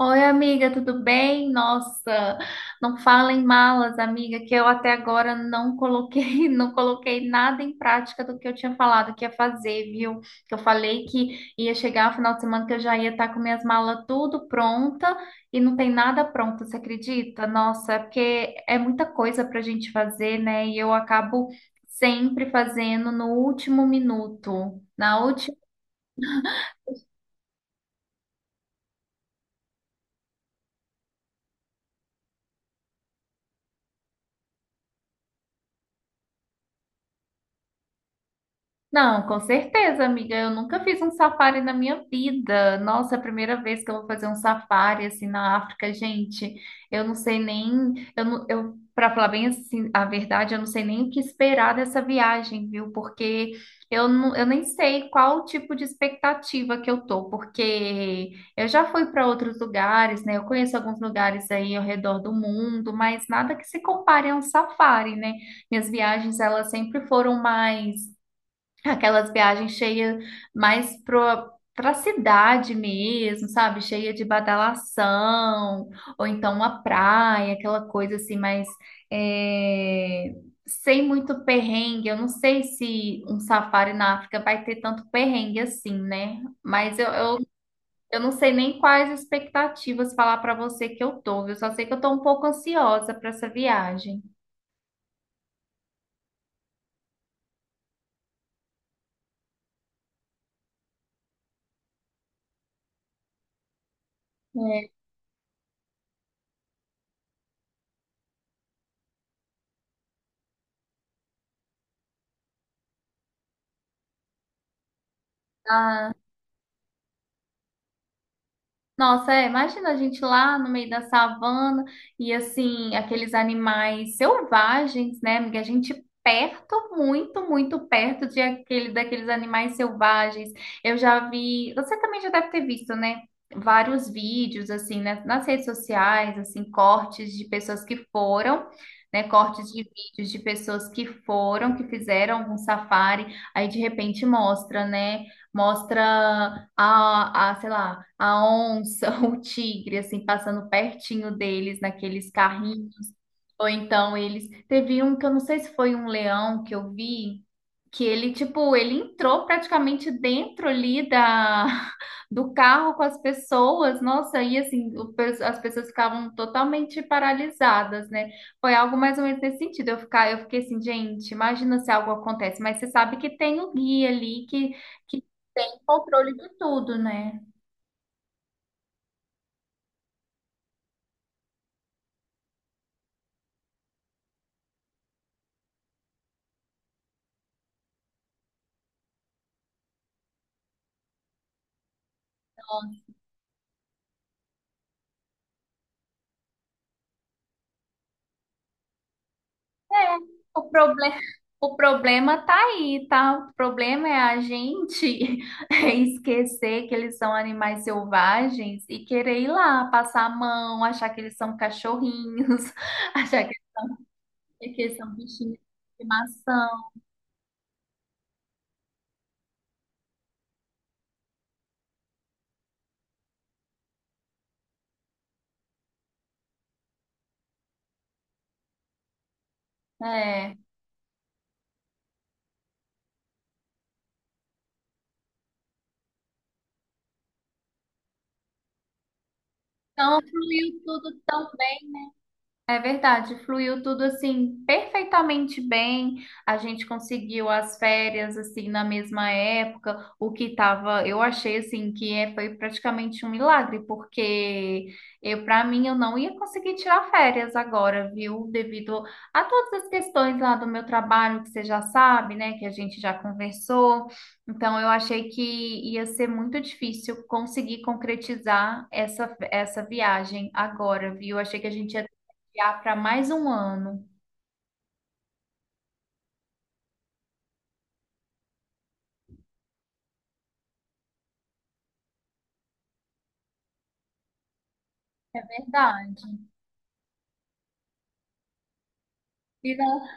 Oi, amiga, tudo bem? Nossa, não fala em malas, amiga, que eu até agora não coloquei, não coloquei nada em prática do que eu tinha falado que ia fazer, viu? Que eu falei que ia chegar no final de semana que eu já ia estar com minhas malas tudo pronta e não tem nada pronto, você acredita? Nossa, é porque é muita coisa pra gente fazer, né? E eu acabo sempre fazendo no último minuto, na. Não, com certeza, amiga. Eu nunca fiz um safari na minha vida. Nossa, é a primeira vez que eu vou fazer um safari assim na África, gente. Eu não sei nem, eu, não- eu para falar bem assim, a verdade, eu não sei nem o que esperar dessa viagem, viu? Porque eu nem sei qual tipo de expectativa que eu tô, porque eu já fui para outros lugares, né? Eu conheço alguns lugares aí ao redor do mundo, mas nada que se compare a um safari, né? Minhas viagens, elas sempre foram mais. Aquelas viagens cheias mais pro, pra cidade mesmo, sabe? Cheia de badalação, ou então uma praia, aquela coisa assim, mas é, sem muito perrengue. Eu não sei se um safari na África vai ter tanto perrengue assim, né? Mas eu não sei nem quais expectativas falar pra você que eu tô, viu? Eu só sei que eu tô um pouco ansiosa pra essa viagem. É. Nossa, é, imagina a gente lá no meio da savana e assim, aqueles animais selvagens, né, amiga? A gente perto, muito perto de aquele, daqueles animais selvagens. Eu já vi, você também já deve ter visto, né? Vários vídeos, assim, né, nas redes sociais, assim, cortes de pessoas que foram, né? Cortes de vídeos de pessoas que foram, que fizeram algum safari, aí de repente mostra, né? Mostra sei lá, a onça, o tigre, assim, passando pertinho deles naqueles carrinhos. Ou então eles. Teve um que eu não sei se foi um leão que eu vi, que ele, tipo, ele entrou praticamente dentro ali do carro com as pessoas. Nossa, aí assim, as pessoas ficavam totalmente paralisadas, né? Foi algo mais ou menos nesse sentido. Eu fiquei assim, gente, imagina se algo acontece, mas você sabe que tem o guia ali que. Que controle de tudo, né? É, o problema, o problema tá aí, tá? O problema é a gente esquecer que eles são animais selvagens e querer ir lá, passar a mão, achar que eles são cachorrinhos, achar que, que eles são bichinhos de estimação. É. Então, fluiu tudo tão. É verdade, fluiu tudo assim perfeitamente bem. A gente conseguiu as férias assim na mesma época, o que tava, eu achei assim que é, foi praticamente um milagre, porque eu para mim eu não ia conseguir tirar férias agora, viu? Devido a todas as questões lá do meu trabalho que você já sabe, né, que a gente já conversou. Então eu achei que ia ser muito difícil conseguir concretizar essa viagem agora, viu? Achei que a gente ia adiar para mais um ano. É verdade. E não,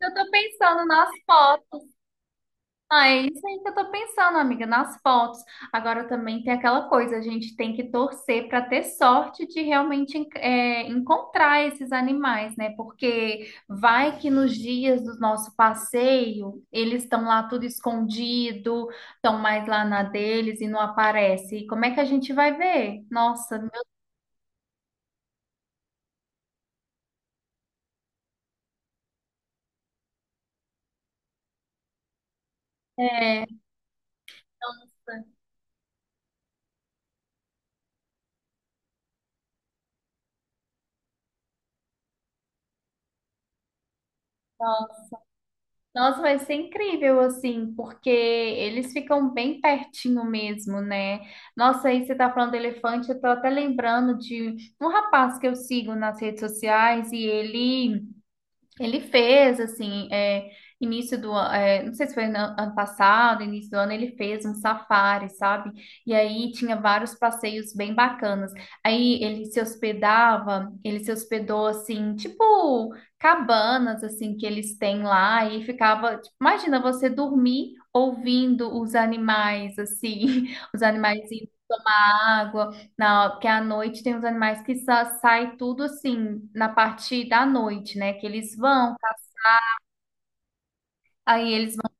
eu tô pensando nas fotos. Ah, é isso aí que eu tô pensando, amiga, nas fotos. Agora também tem aquela coisa, a gente tem que torcer para ter sorte de realmente é, encontrar esses animais, né? Porque vai que nos dias do nosso passeio eles estão lá tudo escondido, estão mais lá na deles e não aparece. E como é que a gente vai ver? Nossa, meu... É. Então, nossa, vai ser incrível, assim, porque eles ficam bem pertinho mesmo, né? Nossa, aí você tá falando do elefante, eu tô até lembrando de um rapaz que eu sigo nas redes sociais e ele. Ele fez, assim, é, início do ano, não sei se foi no ano passado, início do ano, ele fez um safari, sabe? E aí tinha vários passeios bem bacanas. Aí ele se hospedou, assim, tipo cabanas, assim, que eles têm lá, e ficava, tipo, imagina você dormir ouvindo os animais, assim, os animais indo na água, na, porque à noite tem os animais que sai tudo, assim, na parte da noite, né, que eles vão. Aí eles vão,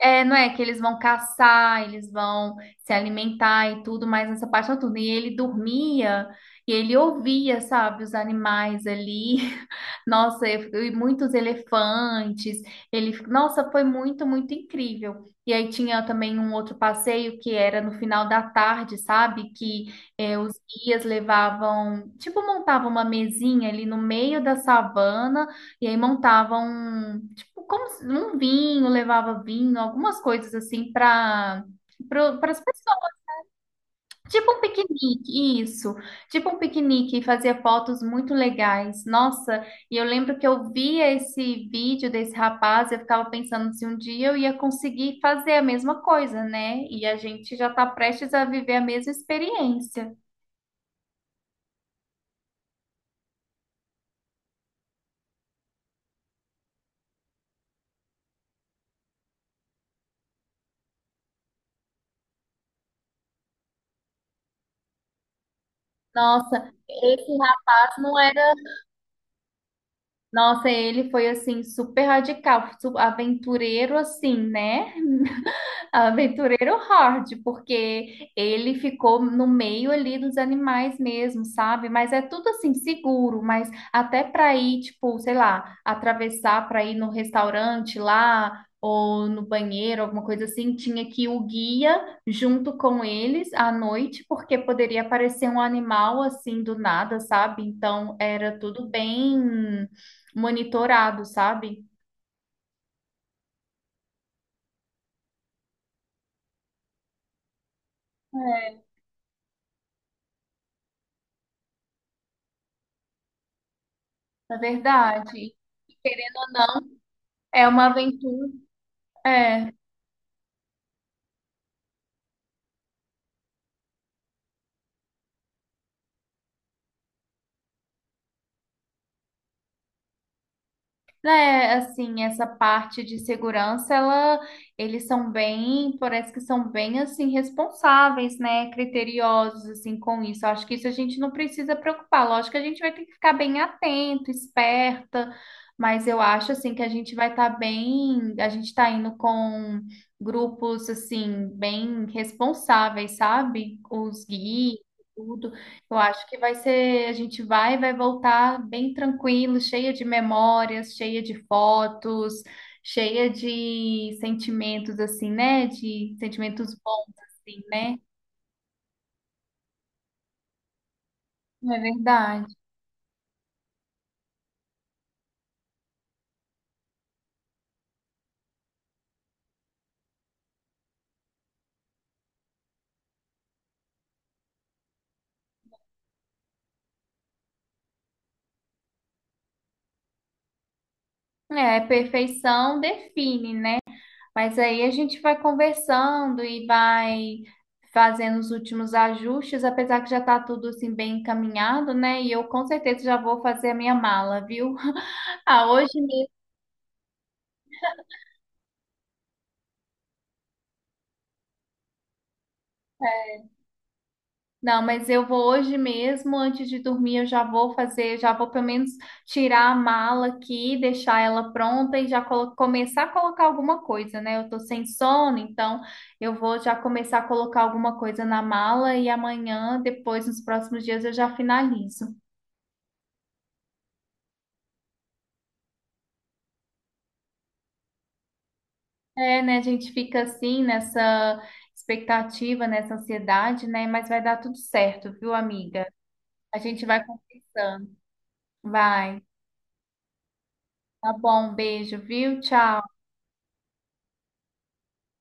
é, não é que eles vão caçar, eles vão se alimentar e tudo, mas nessa parte é noturna. E ele dormia e ele ouvia, sabe, os animais ali. Nossa, eu- e muitos elefantes. Ele, nossa, foi muito, muito incrível. E aí tinha também um outro passeio que era no final da tarde, sabe? Que é, os guias levavam, tipo, montavam uma mesinha ali no meio da savana. E aí montavam, tipo, como se- um vinho, levava vinho, algumas coisas assim para as pessoas. Tipo um piquenique, isso. Tipo um piquenique, e fazia fotos muito legais. Nossa, e eu lembro que eu via esse vídeo desse rapaz, eu ficava pensando se um dia eu ia conseguir fazer a mesma coisa, né? E a gente já está prestes a viver a mesma experiência. Nossa, esse rapaz não era. Nossa, ele foi assim super radical, aventureiro assim, né? Aventureiro hard, porque ele ficou no meio ali dos animais mesmo, sabe? Mas é tudo assim seguro, mas até para ir, tipo, sei lá, atravessar para ir no restaurante lá ou no banheiro, alguma coisa assim, tinha que ir o guia junto com eles à noite, porque poderia aparecer um animal assim do nada, sabe? Então era tudo bem monitorado, sabe? É verdade. É uma aventura. É. É, assim, essa parte de segurança, ela, eles são bem, parece que são bem, assim, responsáveis, né, criteriosos, assim, com isso. Eu acho que isso a gente não precisa preocupar. Lógico que a gente vai ter que ficar bem atento, esperta, mas eu acho, assim, que a gente vai estar bem, a gente está indo com grupos, assim, bem responsáveis, sabe? Os guias, tudo. Eu acho que vai ser, vai voltar bem tranquilo, cheia de memórias, cheia de fotos, cheia de sentimentos assim, né? De sentimentos bons assim, né? É verdade. É, perfeição define, né? Mas aí a gente vai conversando e vai fazendo os últimos ajustes, apesar que já tá tudo assim bem encaminhado, né? E eu com certeza já vou fazer a minha mala, viu? Ah, hoje. Não, mas eu vou hoje mesmo, antes de dormir, eu já vou fazer, já vou pelo menos tirar a mala aqui, deixar ela pronta e já começar a colocar alguma coisa, né? Eu tô sem sono, então eu vou já começar a colocar alguma coisa na mala e amanhã, depois, nos próximos dias, eu já finalizo. É, né? A gente fica assim nessa expectativa, nessa ansiedade, né? Mas vai dar tudo certo, viu, amiga? A gente vai conversando. Vai. Tá bom, um beijo, viu? Tchau.